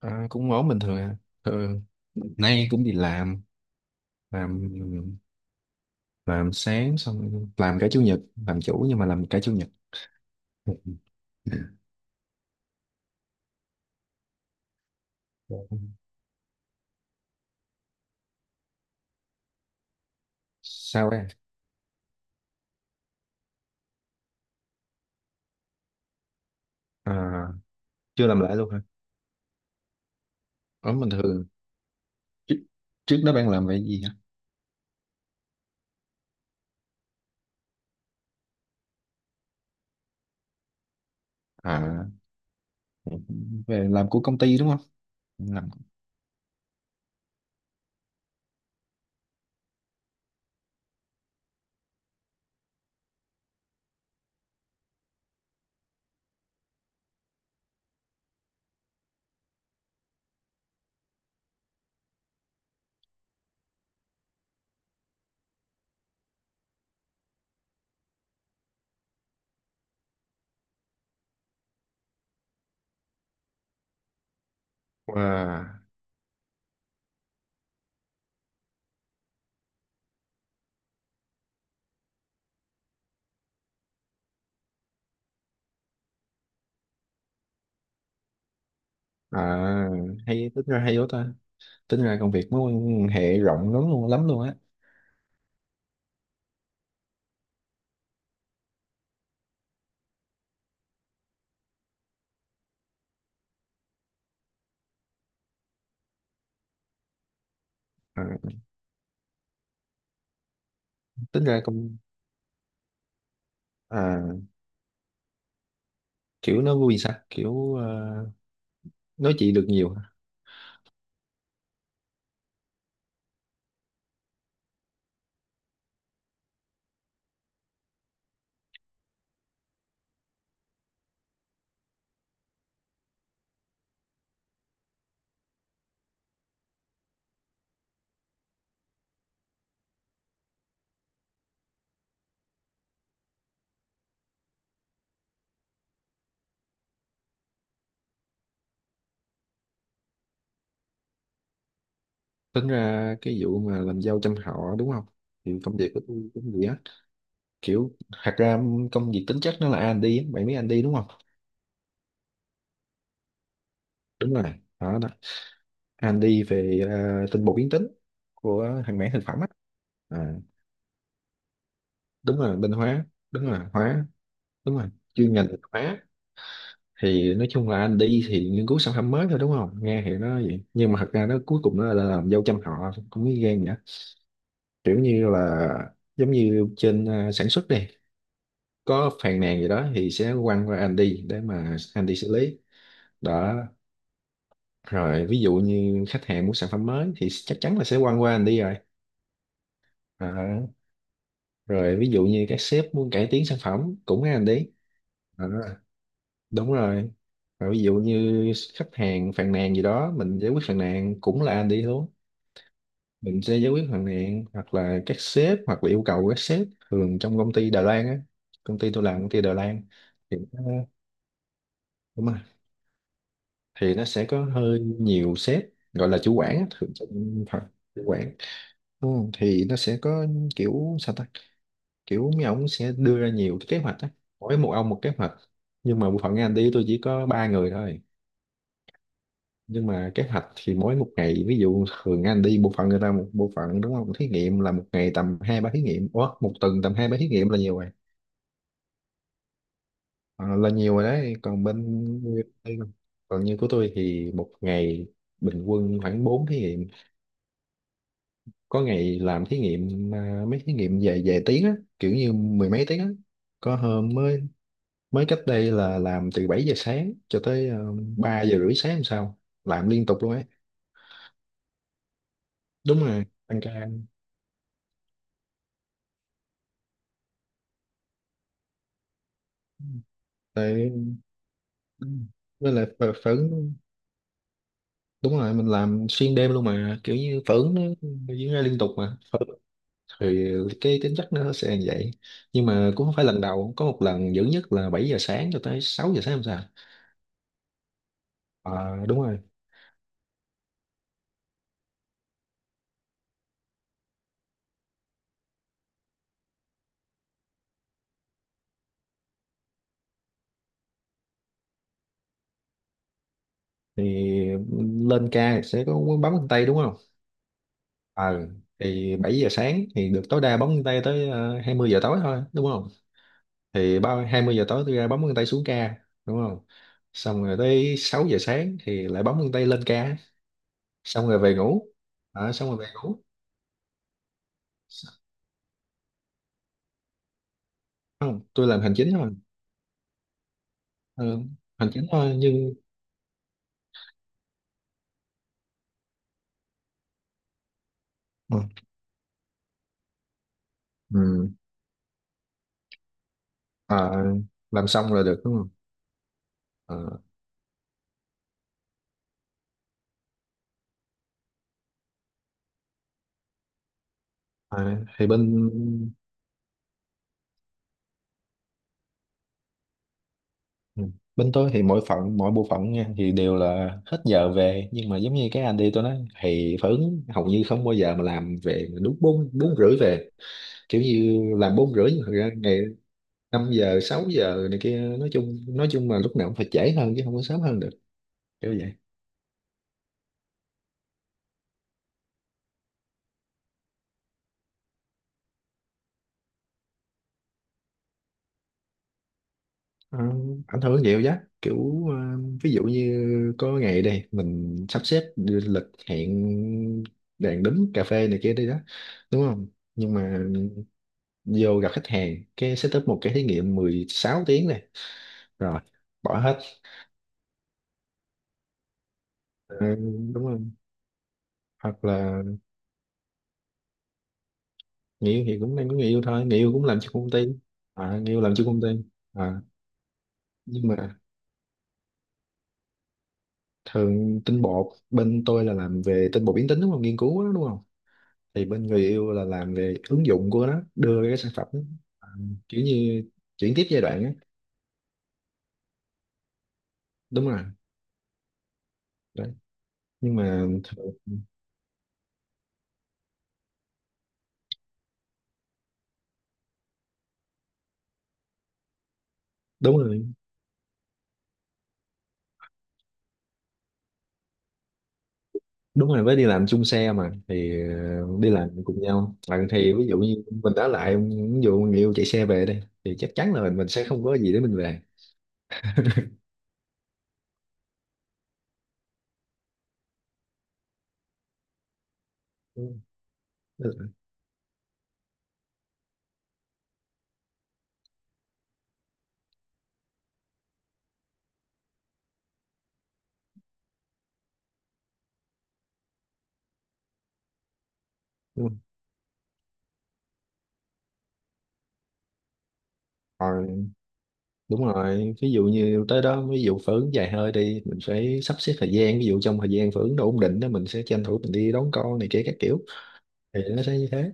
Cũng ổn bình thường à. Thường nay cũng đi làm, làm làm sáng, xong làm cả chủ nhật, làm chủ nhưng mà làm cả chủ nhật. Sao đây? à, chưa làm lại luôn hả? Ổn bình thường. Trước, trước đó bạn làm về gì hả? À, về làm của công ty đúng không? Làm. Wow. à Hay, tính ra hay quá ta. Tính ra công việc mối quan hệ rộng lắm luôn, lắm luôn á. À, tính ra công à, Kiểu nó vui sao, kiểu nói chuyện được nhiều. Tính ra cái vụ mà làm dâu trăm họ đúng không, thì công việc của tôi cũng vậy á. Kiểu thật ra công việc tính chất nó là R&D á. Bạn biết R&D đúng không? Đúng rồi. Đó, đó. R&D về tinh bột biến tính của hàng mảng thực phẩm á. à, Đúng rồi, bên hóa, đúng rồi, hóa, đúng rồi chuyên ngành hóa. Thì nói chung là anh đi thì nghiên cứu sản phẩm mới thôi đúng không, nghe thì nó vậy nhưng mà thật ra nó cuối cùng nó là làm dâu trăm họ, cũng như ghen vậy. Kiểu như là giống như trên sản xuất đi, có phàn nàn gì đó thì sẽ quăng qua Andy để mà Andy xử lý đó. Rồi ví dụ như khách hàng muốn sản phẩm mới thì chắc chắn là sẽ quăng qua Andy rồi. Ờ, rồi ví dụ như các sếp muốn cải tiến sản phẩm cũng nghe Andy. Ờ, đúng rồi, rồi ví dụ như khách hàng phàn nàn gì đó mình giải quyết phàn nàn cũng là Andy luôn. Mình sẽ giải quyết phàn nàn hoặc là các sếp hoặc là yêu cầu các sếp thường trong công ty Đài Loan á. Công ty tôi làm công ty Đài Lan thì đúng rồi, thì nó sẽ có hơi nhiều sếp, gọi là chủ quản á, thường trong phần chủ quản, ừ, thì nó sẽ có, kiểu sao ta, kiểu mấy ông sẽ đưa ra nhiều cái kế hoạch á, mỗi một ông một kế hoạch. Nhưng mà bộ phận anh đi tôi chỉ có 3 người thôi, nhưng mà kế hoạch thì mỗi một ngày, ví dụ thường anh đi bộ phận người ta một bộ phận đúng không, thí nghiệm là một ngày tầm hai ba thí nghiệm. Ủa, một tuần tầm hai ba thí nghiệm là nhiều rồi. Ờ, là nhiều rồi đấy, còn bên, còn như của tôi thì một ngày bình quân khoảng 4 thí nghiệm. Có ngày làm thí nghiệm mấy thí nghiệm về về tiếng á, kiểu như mười mấy tiếng á. Có hôm mới, mới cách đây là làm từ 7 giờ sáng cho tới 3 giờ rưỡi sáng làm sao, làm liên tục luôn ấy. Đúng rồi, tăng ca tại với lại phở, đúng rồi mình làm xuyên đêm luôn mà, kiểu như phở nó diễn ra liên tục mà, phở, thì cái tính chất nó sẽ như vậy. Nhưng mà cũng không phải lần đầu, có một lần dữ nhất là 7 giờ sáng cho tới 6 giờ sáng, làm sao. à, Đúng rồi thì lên ca thì sẽ có quán bấm chân tay đúng không. ờ thì 7 giờ sáng thì được tối đa bấm chân tay tới 20 giờ tối thôi đúng không. Thì 3 20 giờ tối tôi ra bấm chân tay xuống ca đúng không, xong rồi tới 6 giờ sáng thì lại bấm chân tay lên ca, xong rồi về ngủ. Ờ, xong rồi về ngủ. Không, tôi làm hành chính thôi. Ờ, hành chính thôi nhưng ừ. Ừ. Ờ, làm xong là được đúng không. Ờ, thì bên, ừ, bên tôi thì mỗi phận mỗi bộ phận nha thì đều là hết giờ về, nhưng mà giống như cái anh đi tôi nói thì phản ứng hầu như không bao giờ mà làm về mà đúng bốn bốn rưỡi về. Kiểu như làm bốn rưỡi nhưng thật ra ngày 5 giờ 6 giờ này kia, nói chung, nói chung là lúc nào cũng phải trễ hơn chứ không có sớm hơn được, kiểu vậy. Ờ, ảnh hưởng nhiều giá, kiểu ví dụ như có ngày đây mình sắp xếp lịch hẹn đèn đúng cà phê này kia đi đó đúng không, nhưng mà vô gặp khách hàng cái setup một cái thí nghiệm 16 tiếng này, rồi bỏ hết. Ừ, đúng không. Hoặc là người yêu thì cũng đang có người yêu thôi, người yêu cũng làm cho công ty. À, người yêu làm cho công ty. À, nhưng mà thường tinh bột bên tôi là làm về tinh bột biến tính đúng không, nghiên cứu đó đúng không, thì bên người yêu là làm về ứng dụng của nó, đưa cái sản phẩm, à, kiểu như chuyển tiếp giai đoạn á. Đúng rồi đấy, nhưng mà thường- đúng rồi, đúng rồi, với đi làm chung xe mà thì đi làm cùng nhau, thì ví dụ như mình đã lại ví dụ người yêu chạy xe về đây thì chắc chắn là mình sẽ không có gì để mình về. Đúng, đúng rồi. Còn đúng rồi, ví dụ như tới đó ví dụ phở ứng dài hơi đi mình phải sắp xếp thời gian, ví dụ trong thời gian phở ứng đủ ổn định đó mình sẽ tranh thủ mình đi đón con này kia các kiểu, thì nó sẽ như thế.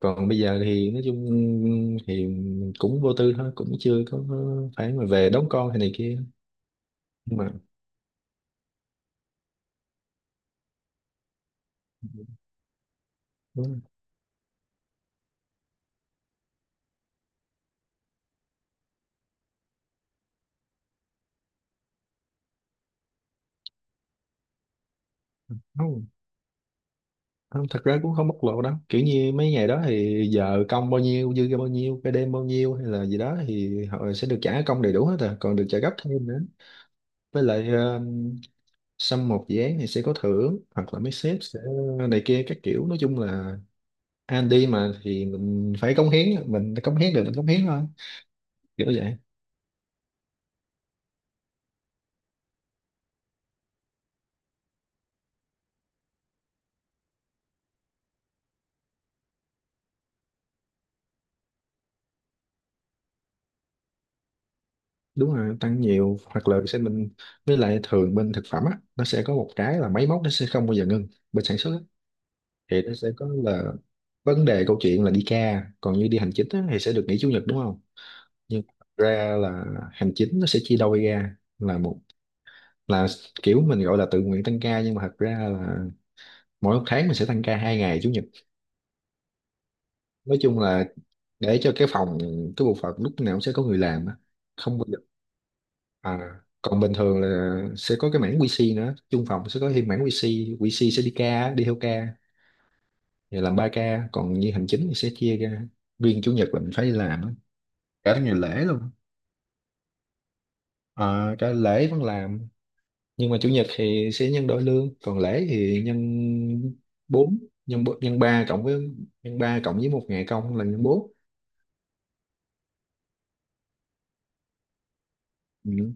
Còn bây giờ thì nói chung thì cũng vô tư thôi, cũng chưa có phải mà về đón con hay này kia, nhưng mà đúng rồi. Không, thật ra cũng không bộc lộ lắm, kiểu như mấy ngày đó thì giờ công bao nhiêu, dư ra bao nhiêu, cái đêm bao nhiêu hay là gì đó thì họ sẽ được trả công đầy đủ hết, à còn được trả gấp thêm nữa. Với lại xong một dự án thì sẽ có thưởng hoặc là mấy sếp sẽ này kia các kiểu. Nói chung là anh đi mà thì mình phải cống hiến, mình cống hiến được mình cống hiến thôi, kiểu vậy. Đúng rồi tăng nhiều, hoặc là sẽ mình, với lại thường bên thực phẩm á nó sẽ có một cái là máy móc nó sẽ không bao giờ ngừng. Bên sản xuất thì nó sẽ có là vấn đề câu chuyện là đi ca, còn như đi hành chính á thì sẽ được nghỉ chủ nhật đúng không. Nhưng thật ra là hành chính nó sẽ chia đôi ra, là một là kiểu mình gọi là tự nguyện tăng ca, nhưng mà thật ra là mỗi một tháng mình sẽ tăng ca 2 ngày chủ nhật. Nói chung là để cho cái phòng, cái bộ phận lúc nào cũng sẽ có người làm á, không bao giờ à. Còn bình thường là sẽ có cái mảng QC nữa, chung phòng sẽ có thêm mảng QC, QC sẽ đi ca, đi theo ca thì làm 3 ca, còn như hành chính thì sẽ chia ra, riêng chủ nhật là mình phải đi làm á. Cả thứ ngày lễ luôn. Ờ, cả lễ vẫn làm, nhưng mà chủ nhật thì sẽ nhân đôi lương, còn lễ thì nhân bốn, nhân ba cộng với, nhân 3 cộng với một ngày công là nhân bốn. Ừ.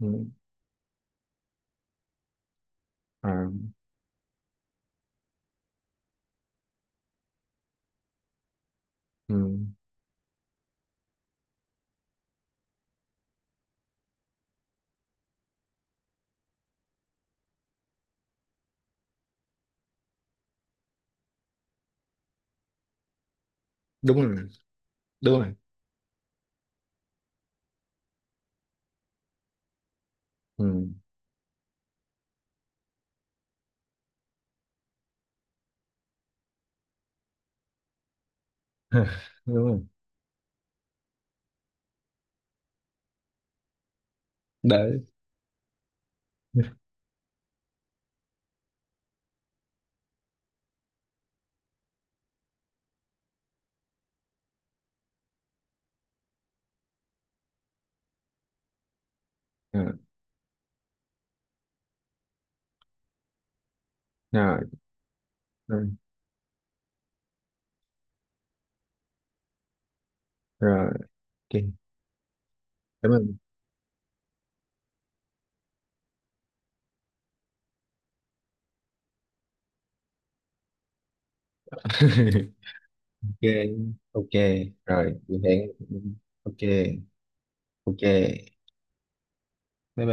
Ừ. À, ừ. Đúng rồi, đúng rồi. Ừ. Đúng rồi. Để à, rồi, rồi, rồi. Ok, cảm ơn. Ok. Ok. Rồi, hẹn, ừ, ok. Ok, bye bye.